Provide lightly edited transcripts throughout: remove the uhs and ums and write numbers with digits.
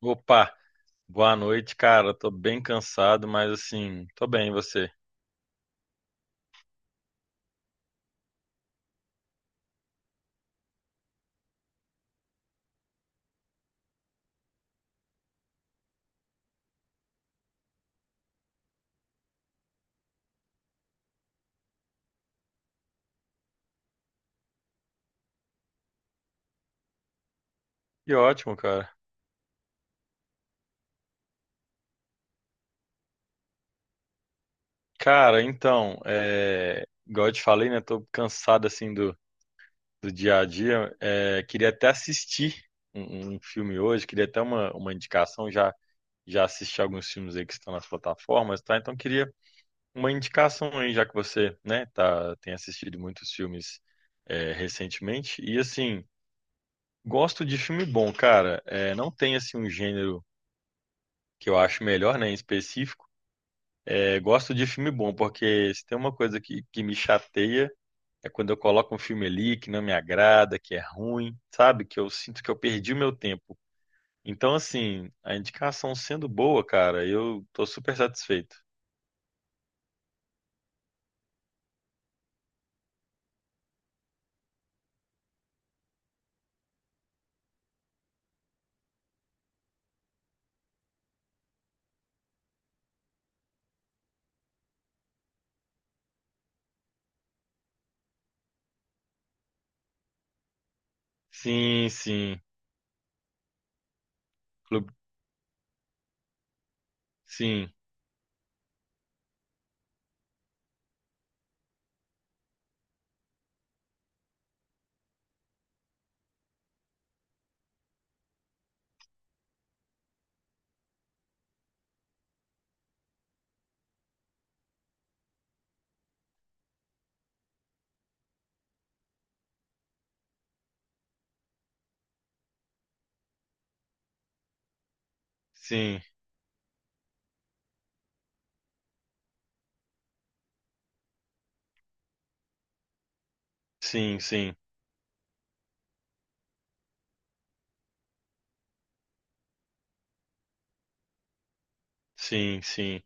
Opa, boa noite, cara. Tô bem cansado, mas assim, tô bem, e você? Que ótimo, cara. Cara, então, igual eu te falei, né? Tô cansado assim do dia a dia. É, queria até assistir um filme hoje, queria até uma indicação. Já assisti alguns filmes aí que estão nas plataformas, tá? Então queria uma indicação aí, já que você, né, tá, tem assistido muitos filmes recentemente. E assim, gosto de filme bom, cara. É, não tem assim um gênero que eu acho melhor, né, em específico, gosto de filme bom, porque se tem uma coisa que me chateia é quando eu coloco um filme ali que não me agrada, que é ruim, sabe? Que eu sinto que eu perdi o meu tempo. Então, assim, a indicação sendo boa, cara, eu tô super satisfeito. Sim, sim, clube, sim, sim, sim, sim, sim, sim.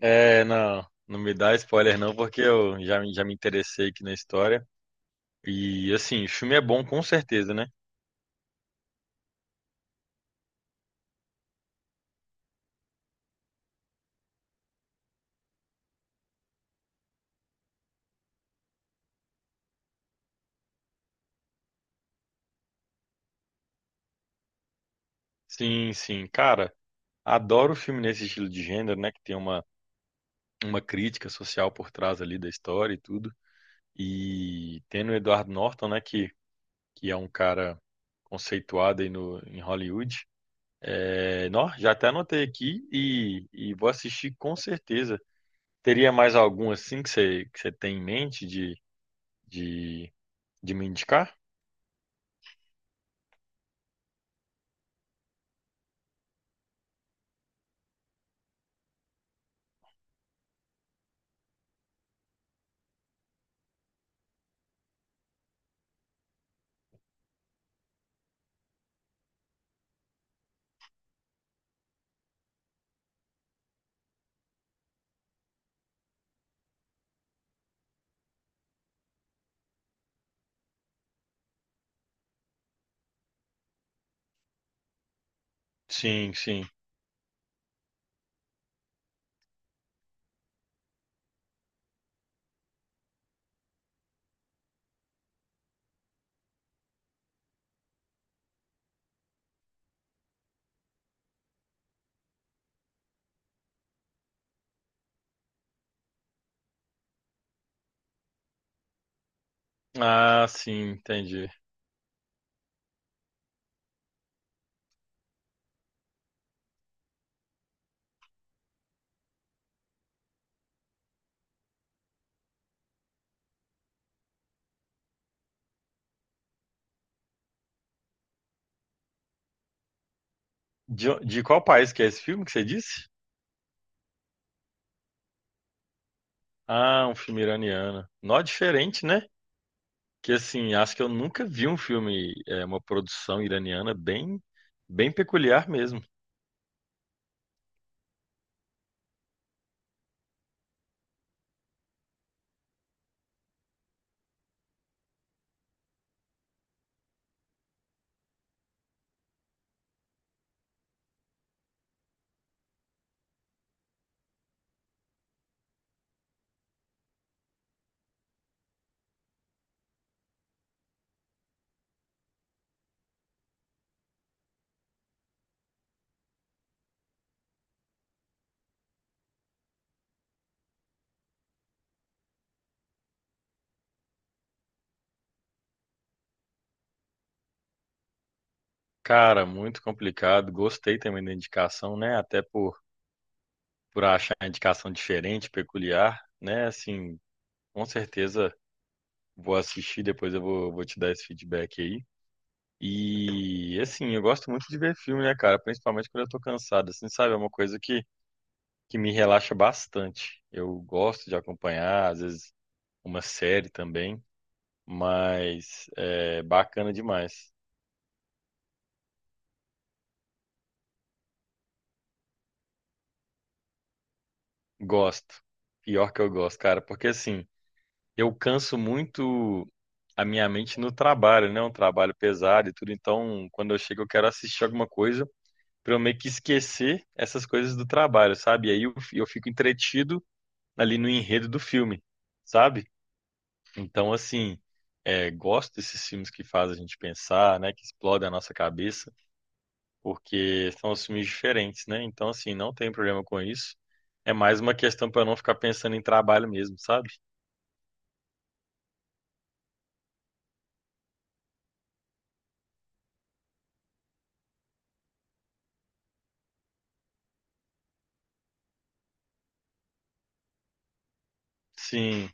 É, não, não me dá spoiler não, porque eu já, já me interessei aqui na história. E, assim, o filme é bom com certeza, né? Sim, sim. Cara, adoro filme nesse estilo de gênero, né? Que tem uma crítica social por trás ali da história e tudo. E tendo o Edward Norton, né? Que é um cara conceituado aí no, em Hollywood. É, nó, já até anotei aqui e vou assistir com certeza. Teria mais algum assim que você tem em mente de, de me indicar? Sim, sim. Ah, sim, entendi. De qual país que é esse filme que você disse? Ah, um filme iraniano. Nó diferente, né? Que assim, acho que eu nunca vi um filme, é, uma produção iraniana bem, bem peculiar mesmo. Cara, muito complicado. Gostei também da indicação, né? Por achar a indicação diferente, peculiar, né? Assim, com certeza vou assistir, depois eu vou te dar esse feedback aí. E assim, eu gosto muito de ver filme, né, cara? Principalmente quando eu tô cansado, assim, sabe? É uma coisa que me relaxa bastante. Eu gosto de acompanhar, às vezes uma série também, mas é bacana demais. Gosto. Pior que eu gosto, cara, porque assim, eu canso muito a minha mente no trabalho, né? Um trabalho pesado e tudo, então quando eu chego eu quero assistir alguma coisa pra eu meio que esquecer essas coisas do trabalho, sabe? E aí eu fico entretido ali no enredo do filme, sabe? Então, assim, gosto desses filmes que fazem a gente pensar, né? Que explodem a nossa cabeça, porque são os filmes diferentes, né? Então, assim, não tem problema com isso. É mais uma questão para não ficar pensando em trabalho mesmo, sabe? Sim,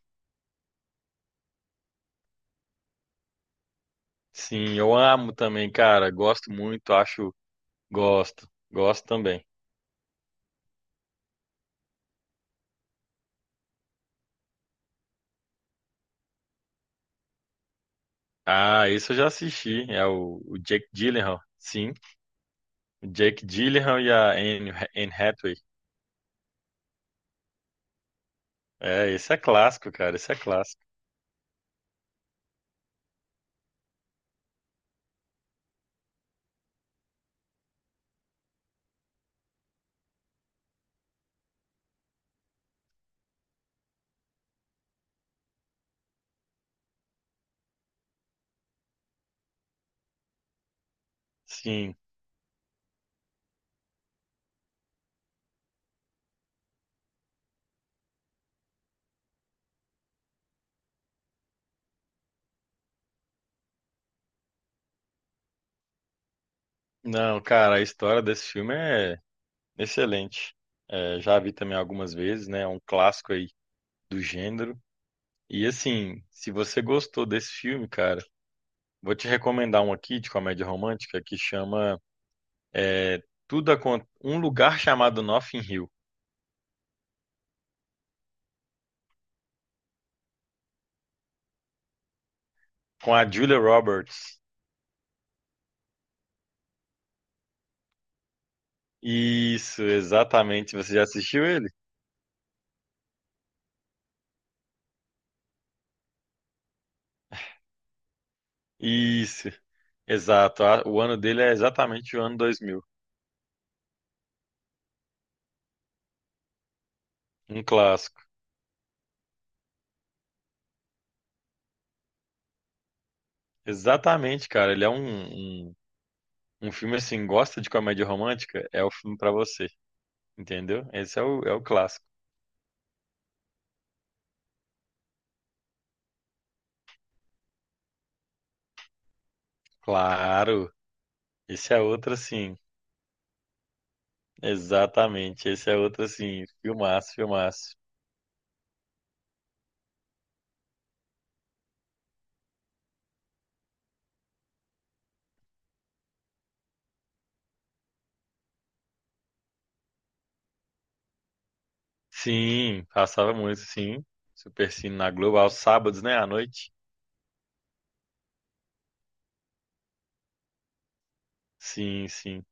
sim, eu amo também, cara. Gosto muito, acho, gosto, gosto também. Ah, isso eu já assisti. É o Jake Gyllenhaal. Sim, o Jake Gyllenhaal e a Anne Hathaway. É, esse é clássico, cara. Esse é clássico. Sim. Não, cara, a história desse filme é excelente. É, já vi também algumas vezes, né? É um clássico aí do gênero. E assim, se você gostou desse filme, cara, vou te recomendar um aqui de comédia romântica que chama é, Tudo Um Lugar Chamado Notting Hill, com a Julia Roberts. Isso, exatamente. Você já assistiu ele? Isso, exato. O ano dele é exatamente o ano 2000, um clássico. Exatamente, cara. Ele é um filme assim, gosta de comédia romântica? É o filme pra você, entendeu? Esse é é o clássico. Claro, esse é outro assim. Exatamente. Esse é outro, assim, filmaço, filmaço. Sim, passava muito, sim. Super Cine na Globo, aos sábados, né, à noite? Sim, sim.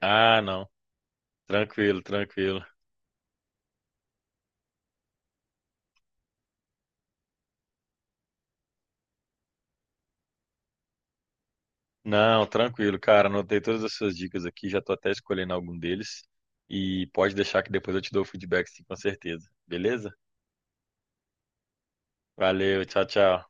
Ah, não. Tranquilo, tranquilo. Não, tranquilo, cara. Anotei todas as suas dicas aqui, já tô até escolhendo algum deles. E pode deixar que depois eu te dou o feedback, sim, com certeza. Beleza? Valeu, tchau, tchau.